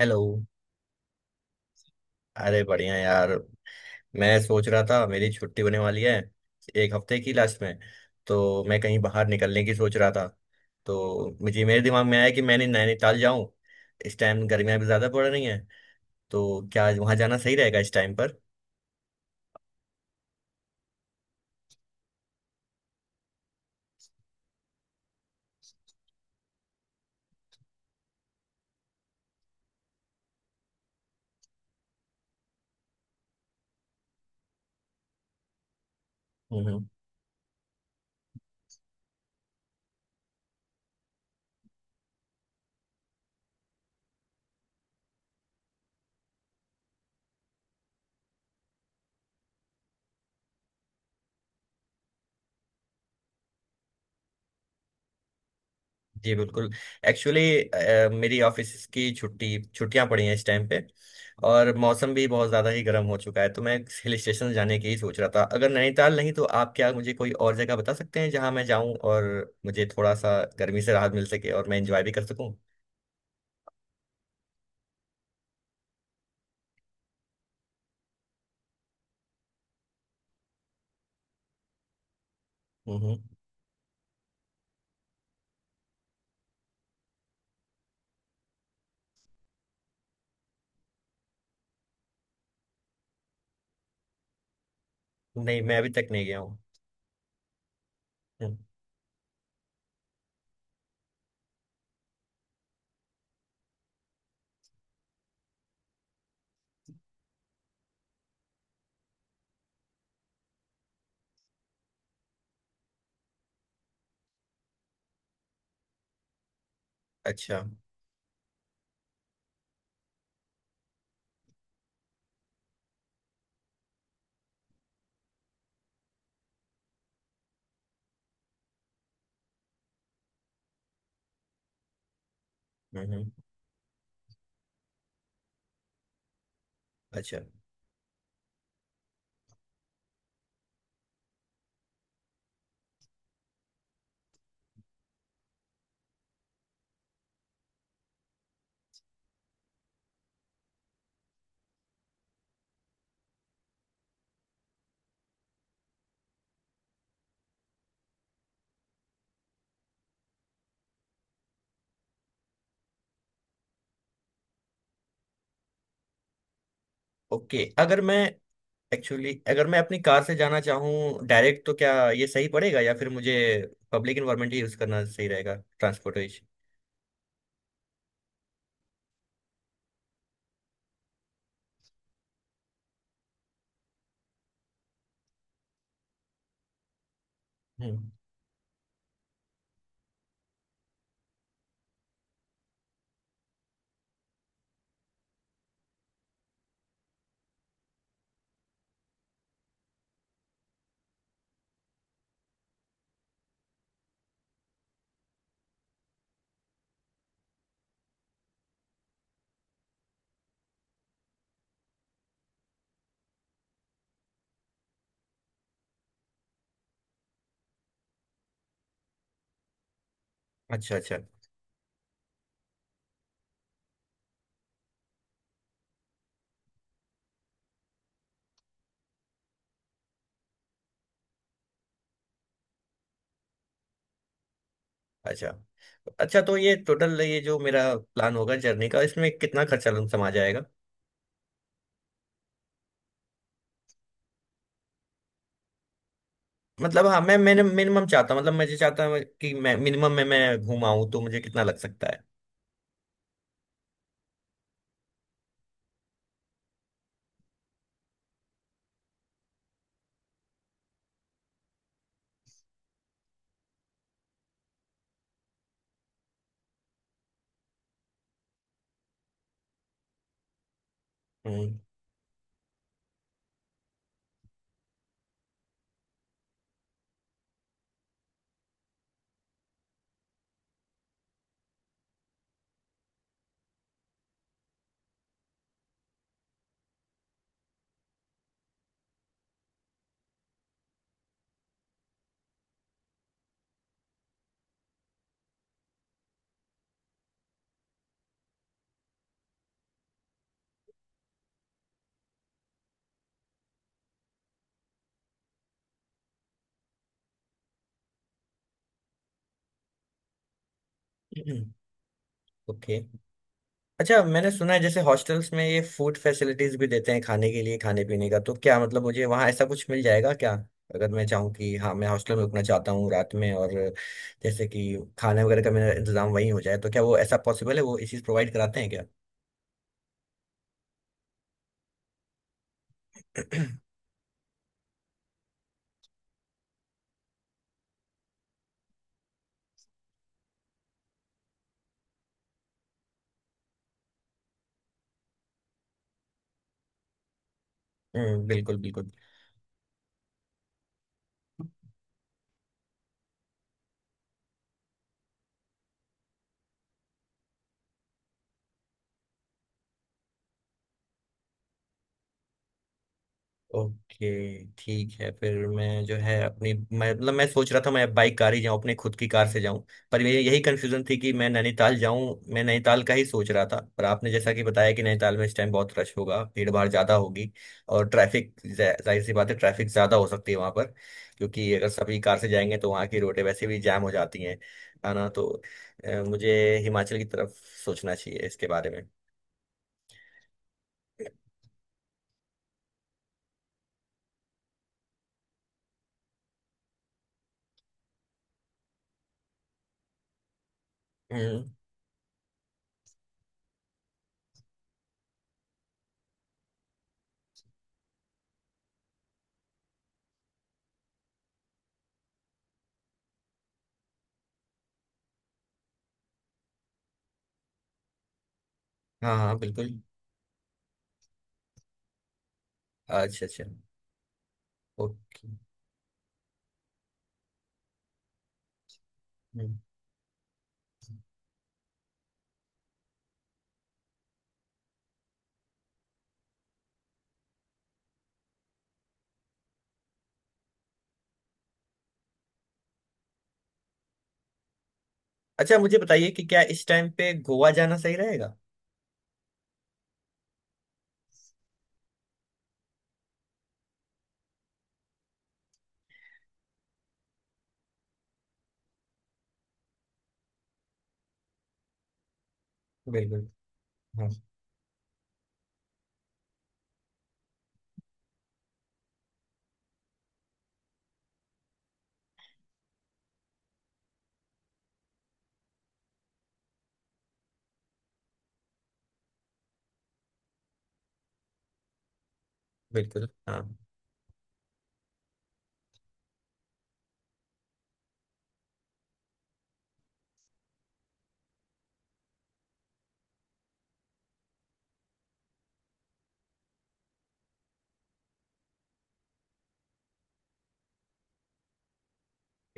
Hello. अरे बढ़िया यार। मैं सोच रहा था मेरी छुट्टी होने वाली है, 1 हफ्ते की लास्ट में, तो मैं कहीं बाहर निकलने की सोच रहा था। तो मुझे मेरे दिमाग में आया कि मैंने नैनीताल जाऊं। इस टाइम गर्मियां भी ज़्यादा पड़ रही हैं, तो क्या वहां जाना सही रहेगा इस टाइम पर? जी बिल्कुल। एक्चुअली मेरी ऑफिस की छुट्टी छुट्टियां पड़ी हैं इस टाइम पे, और मौसम भी बहुत ज़्यादा ही गर्म हो चुका है, तो मैं हिल स्टेशन जाने की ही सोच रहा था। अगर नैनीताल नहीं तो आप क्या मुझे कोई और जगह बता सकते हैं जहां मैं जाऊं और मुझे थोड़ा सा गर्मी से राहत मिल सके और मैं एंजॉय भी कर सकूं? हम्म। नहीं, मैं अभी तक नहीं गया हूँ। हम्म, अच्छा। हम्म। अच्छा, ओके। अगर मैं, एक्चुअली अगर मैं अपनी कार से जाना चाहूँ डायरेक्ट तो क्या ये सही पड़ेगा या फिर मुझे पब्लिक इन्वायरमेंट ही यूज़ करना सही रहेगा, ट्रांसपोर्टेशन? हम्म। अच्छा अच्छा। अच्छा अच्छा। तो ये टोटल, ये जो मेरा प्लान होगा जर्नी का, इसमें कितना खर्चा समा जाएगा? मतलब हाँ, मैंने मिनिमम चाहता हूँ, मतलब मुझे चाहता हूँ कि मैं मिनिमम में मैं घूम आऊँ, तो मुझे कितना लग सकता है? हम्म। ओके। अच्छा, मैंने सुना है जैसे हॉस्टल्स में ये फूड फैसिलिटीज भी देते हैं खाने के लिए, खाने पीने का, तो क्या, मतलब मुझे वहाँ ऐसा कुछ मिल जाएगा क्या? अगर मैं चाहूँ कि हाँ मैं हॉस्टल में रुकना चाहता हूँ रात में, और जैसे कि खाने वगैरह का मेरा इंतजाम वहीं हो जाए, तो क्या वो ऐसा पॉसिबल है, वो इसी प्रोवाइड कराते हैं क्या? हम्म, बिल्कुल बिल्कुल ओके। ठीक है, फिर मैं जो है अपनी, मैं मतलब मैं सोच रहा था मैं बाइक कार ही जाऊं, अपने खुद की कार से जाऊं। पर मेरी यही कंफ्यूजन थी कि मैं नैनीताल जाऊं, मैं नैनीताल का ही सोच रहा था, पर आपने जैसा कि बताया कि नैनीताल में इस टाइम बहुत रश होगा, भीड़ भाड़ ज्यादा होगी, और ट्रैफिक जाहिर सी बात है ट्रैफिक ज्यादा हो सकती है वहां पर, क्योंकि अगर सभी कार से जाएंगे तो वहां की रोडें वैसे भी जैम हो जाती हैं। है ना? तो मुझे हिमाचल की तरफ सोचना चाहिए इसके बारे में। हम्म। हाँ हाँ, बिल्कुल। अच्छा अच्छा। ओके। हम्म। अच्छा, मुझे बताइए कि क्या इस टाइम पे गोवा जाना सही रहेगा? बिल्कुल। हाँ। बिल्कुल हाँ। Okay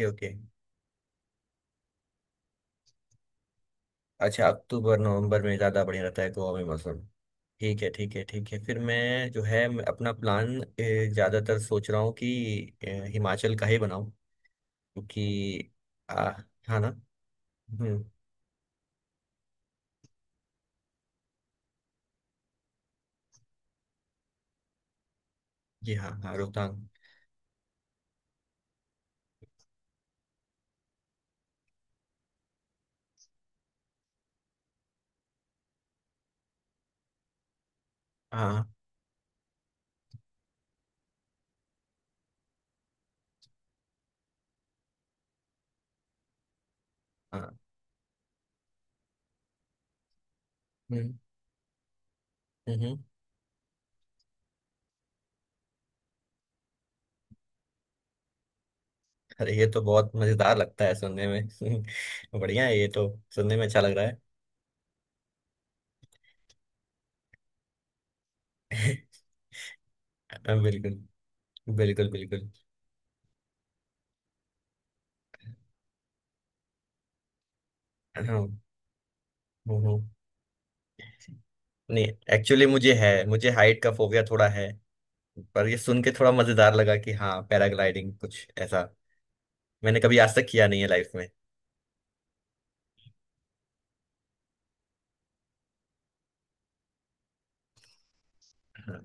okay. अच्छा, अक्टूबर नवंबर में ज़्यादा बढ़िया रहता है गोवा में मौसम? ठीक है ठीक है ठीक है, फिर मैं जो है मैं अपना प्लान ज़्यादातर सोच रहा हूँ कि हिमाचल का ही बनाऊँ। क्योंकि आ, हाँ ना। हम्म। जी हाँ हाँ, रोहतांग। हाँ। हाँ। हम्म। हम्म। अरे ये तो बहुत मज़ेदार लगता है सुनने में। बढ़िया है ये तो। सुनने में अच्छा लग रहा है। हाँ, बिल्कुल। बिल्कुल। हाँ। हम्म, हम्म। नहीं, एक्चुअली मुझे है, मुझे हाइट का फोबिया थोड़ा है। पर ये सुन के थोड़ा मजेदार लगा कि हाँ, पैराग्लाइडिंग कुछ ऐसा मैंने कभी आज तक किया नहीं है लाइफ में। हाँ।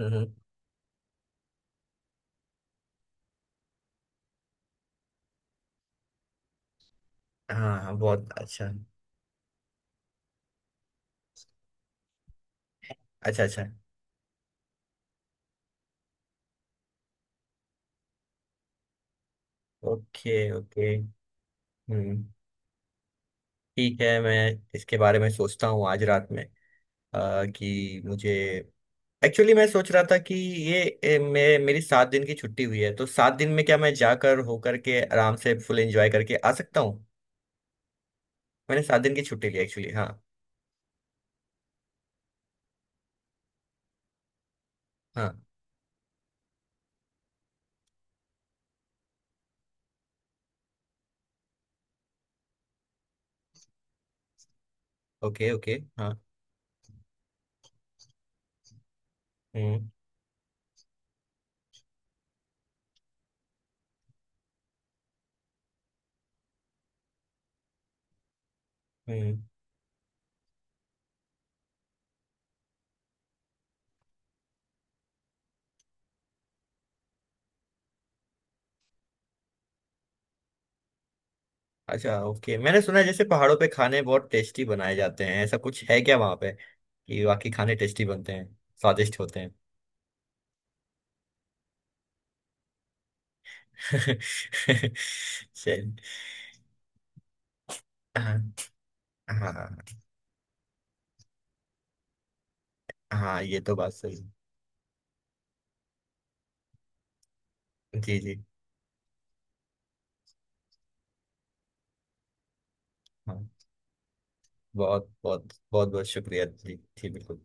हम्म, हम्म। हाँ हाँ, बहुत अच्छा। अच्छा अच्छा। Okay okay. हम्म। ठीक है, मैं इसके बारे में सोचता हूँ आज रात में। कि मुझे, एक्चुअली मैं सोच रहा था कि ये मेरी 7 दिन की छुट्टी हुई है, तो 7 दिन में क्या मैं जाकर होकर के आराम से फुल एंजॉय करके आ सकता? मैंने 7 दिन की छुट्टी ली एक्चुअली, हाँ। हाँ। Okay okay. हाँ। हम्म हम्म। अच्छा ओके, मैंने सुना है जैसे पहाड़ों पे खाने बहुत टेस्टी बनाए जाते हैं, ऐसा कुछ है क्या वहाँ पे कि वाकई खाने टेस्टी बनते हैं, स्वादिष्ट होते हैं? चल। हाँ हाँ। हाँ, ये तो बात सही है। जी जी। हाँ, बहुत बहुत। बहुत बहुत शुक्रिया जी। जी बिल्कुल।